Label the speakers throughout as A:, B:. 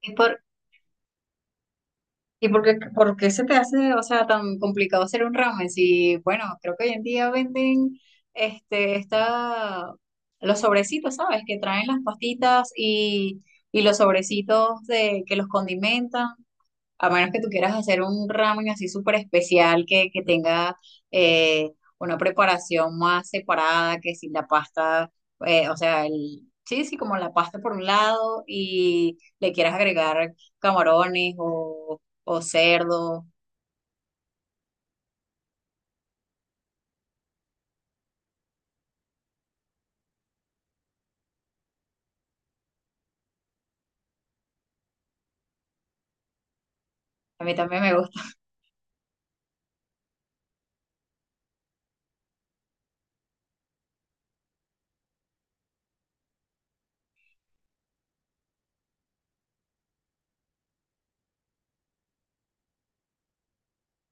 A: ¿Y por, y por qué se te hace, o sea, tan complicado hacer un ramen? Si, bueno, creo que hoy en día venden este, esta, los sobrecitos, ¿sabes? Que traen las pastitas y los sobrecitos de, que los condimentan. A menos que tú quieras hacer un ramen así súper especial que tenga eh, una preparación más separada, que sin la pasta, o sea, el, sí, sí, como la pasta por un lado y le quieras agregar camarones o cerdo. A mí también me gusta.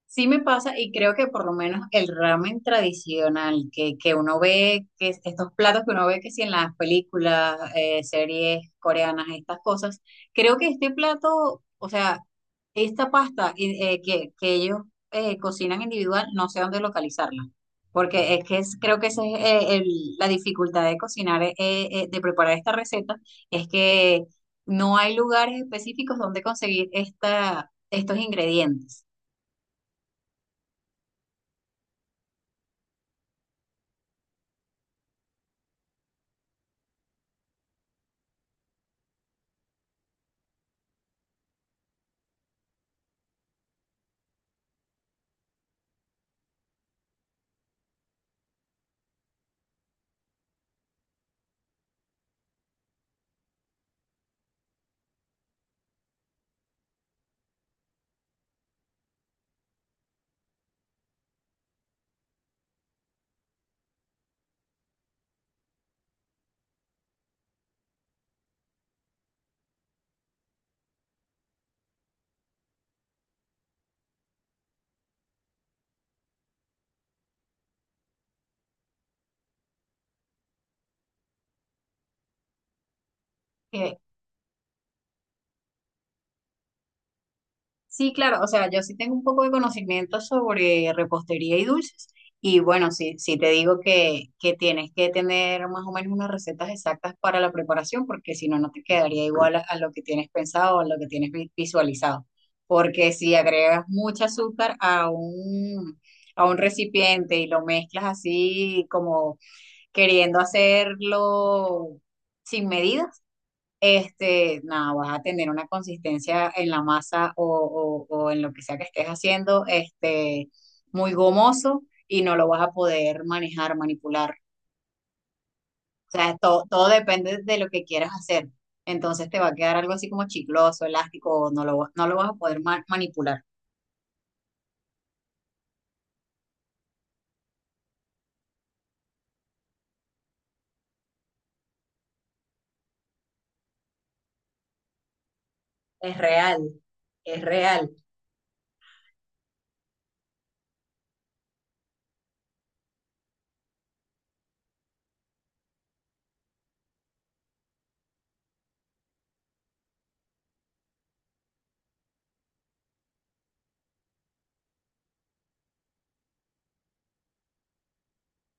A: Sí me pasa y creo que por lo menos el ramen tradicional que uno ve, que estos platos que uno ve que si en las películas, series coreanas, estas cosas, creo que este plato, o sea, esta pasta que ellos cocinan individual, no sé dónde localizarla, porque es que es, creo que esa es la dificultad de cocinar, de preparar esta receta, es que no hay lugares específicos donde conseguir esta, estos ingredientes. Sí, claro, o sea, yo sí tengo un poco de conocimiento sobre repostería y dulces. Y bueno, sí, sí te digo que tienes que tener más o menos unas recetas exactas para la preparación, porque si no, no te quedaría igual a lo que tienes pensado o a lo que tienes visualizado. Porque si agregas mucha azúcar a un recipiente y lo mezclas así como queriendo hacerlo sin medida, este, nada, vas a tener una consistencia en la masa o, o en lo que sea que estés haciendo, este, muy gomoso y no lo vas a poder manejar, manipular. O sea, todo depende de lo que quieras hacer. Entonces te va a quedar algo así como chicloso, elástico, o no lo, no lo vas a poder manipular. Es real, es real.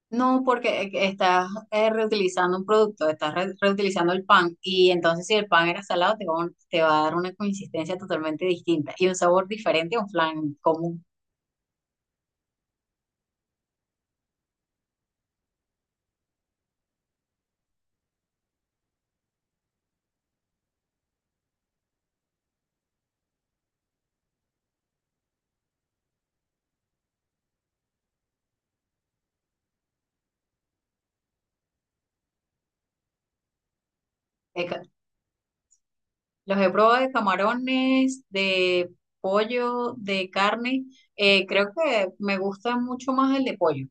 A: No, porque estás reutilizando un producto, estás reutilizando el pan y entonces si el pan era salado te va, te va a dar una consistencia totalmente distinta y un sabor diferente a un flan común. De ca- Los he probado de camarones, de pollo, de carne. Eh, creo que me gusta mucho más el de pollo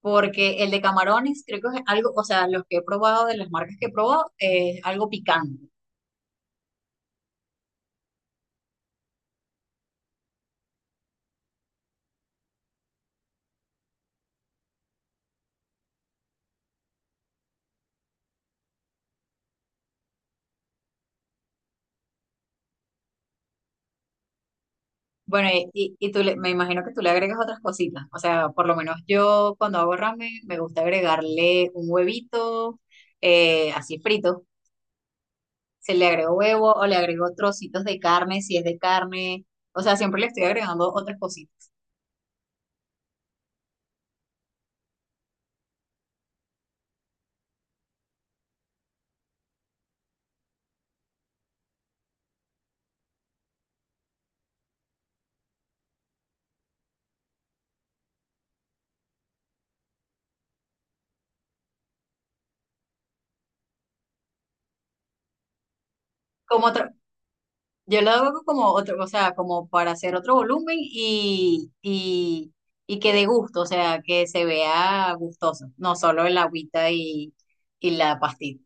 A: porque el de camarones creo que es algo, o sea, los que he probado de las marcas que he probado es algo picante. Bueno, y, y tú me imagino que tú le agregas otras cositas. O sea, por lo menos yo cuando hago ramen me gusta agregarle un huevito así frito. Se le agrego huevo o le agrego trocitos de carne si es de carne. O sea, siempre le estoy agregando otras cositas. Como otro, yo lo hago como otro, o sea, como para hacer otro volumen y que dé gusto, o sea, que se vea gustoso, no solo el agüita y la pastita.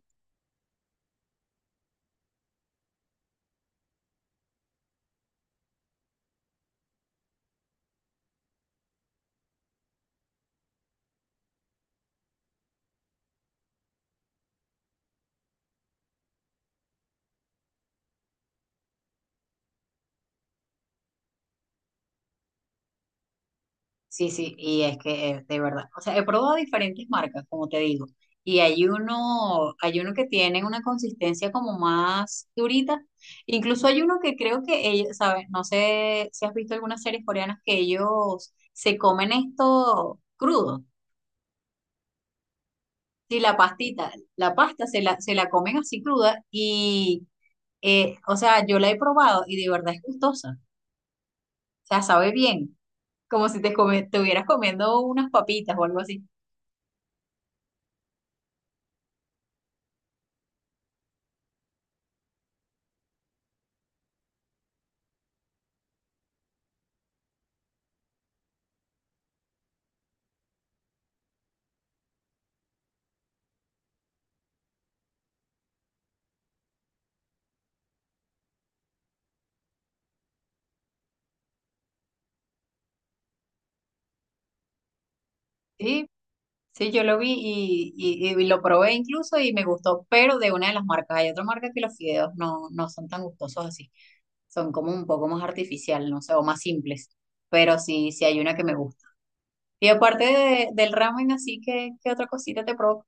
A: Sí, sí, y es que de verdad, o sea, he probado diferentes marcas, como te digo, hay uno que tiene una consistencia como más durita, incluso hay uno que creo que ellos, ¿sabes? No sé si has visto algunas series coreanas que ellos se comen esto crudo, sí, la pastita, la pasta se la comen así cruda y, o sea, yo la he probado y de verdad es gustosa, o sea, sabe bien, como si te, te hubieras comiendo unas papitas o algo así. Sí, sí, yo lo vi y lo probé incluso y me gustó, pero de una de las marcas. Hay otra marca que los fideos no, no son tan gustosos así. Son como un poco más artificial, no sé, o más simples. Pero sí, sí hay una que me gusta. Y aparte del ramen, así que, ¿qué otra cosita te provoca?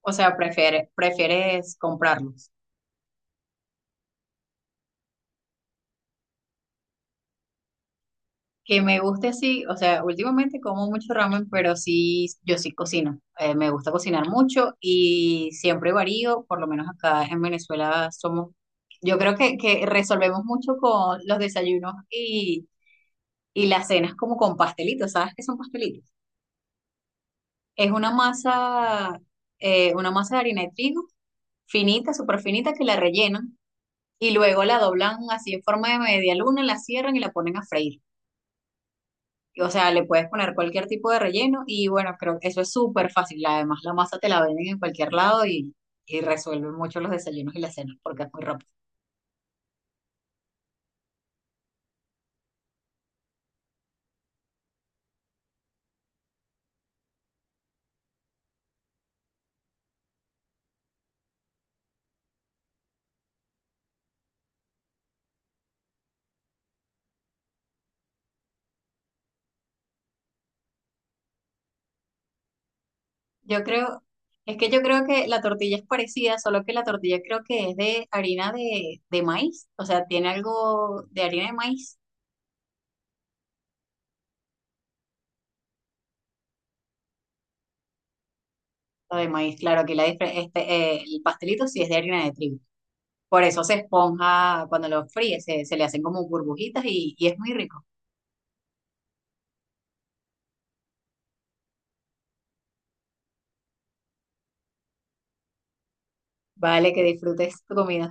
A: O sea, prefieres, prefieres comprarlos. Que me guste así, o sea, últimamente como mucho ramen, pero sí, yo sí cocino. Me gusta cocinar mucho y siempre varío, por lo menos acá en Venezuela somos, yo creo que resolvemos mucho con los desayunos y las cenas como con pastelitos, ¿sabes qué son pastelitos? Es una masa de harina de trigo finita, súper finita, que la rellenan y luego la doblan así en forma de media luna, la cierran y la ponen a freír. O sea, le puedes poner cualquier tipo de relleno y bueno, creo que eso es súper fácil. Además, la masa te la venden en cualquier lado y resuelve mucho los desayunos y las cenas porque es muy rápido. Yo creo, es que yo creo que la tortilla es parecida, solo que la tortilla creo que es de harina de maíz. O sea, tiene algo de harina de maíz o de maíz. Claro que la, este, el pastelito sí es de harina de trigo. Por eso se esponja cuando lo fríes, se le hacen como burbujitas y es muy rico. Vale, que disfrutes tu comida.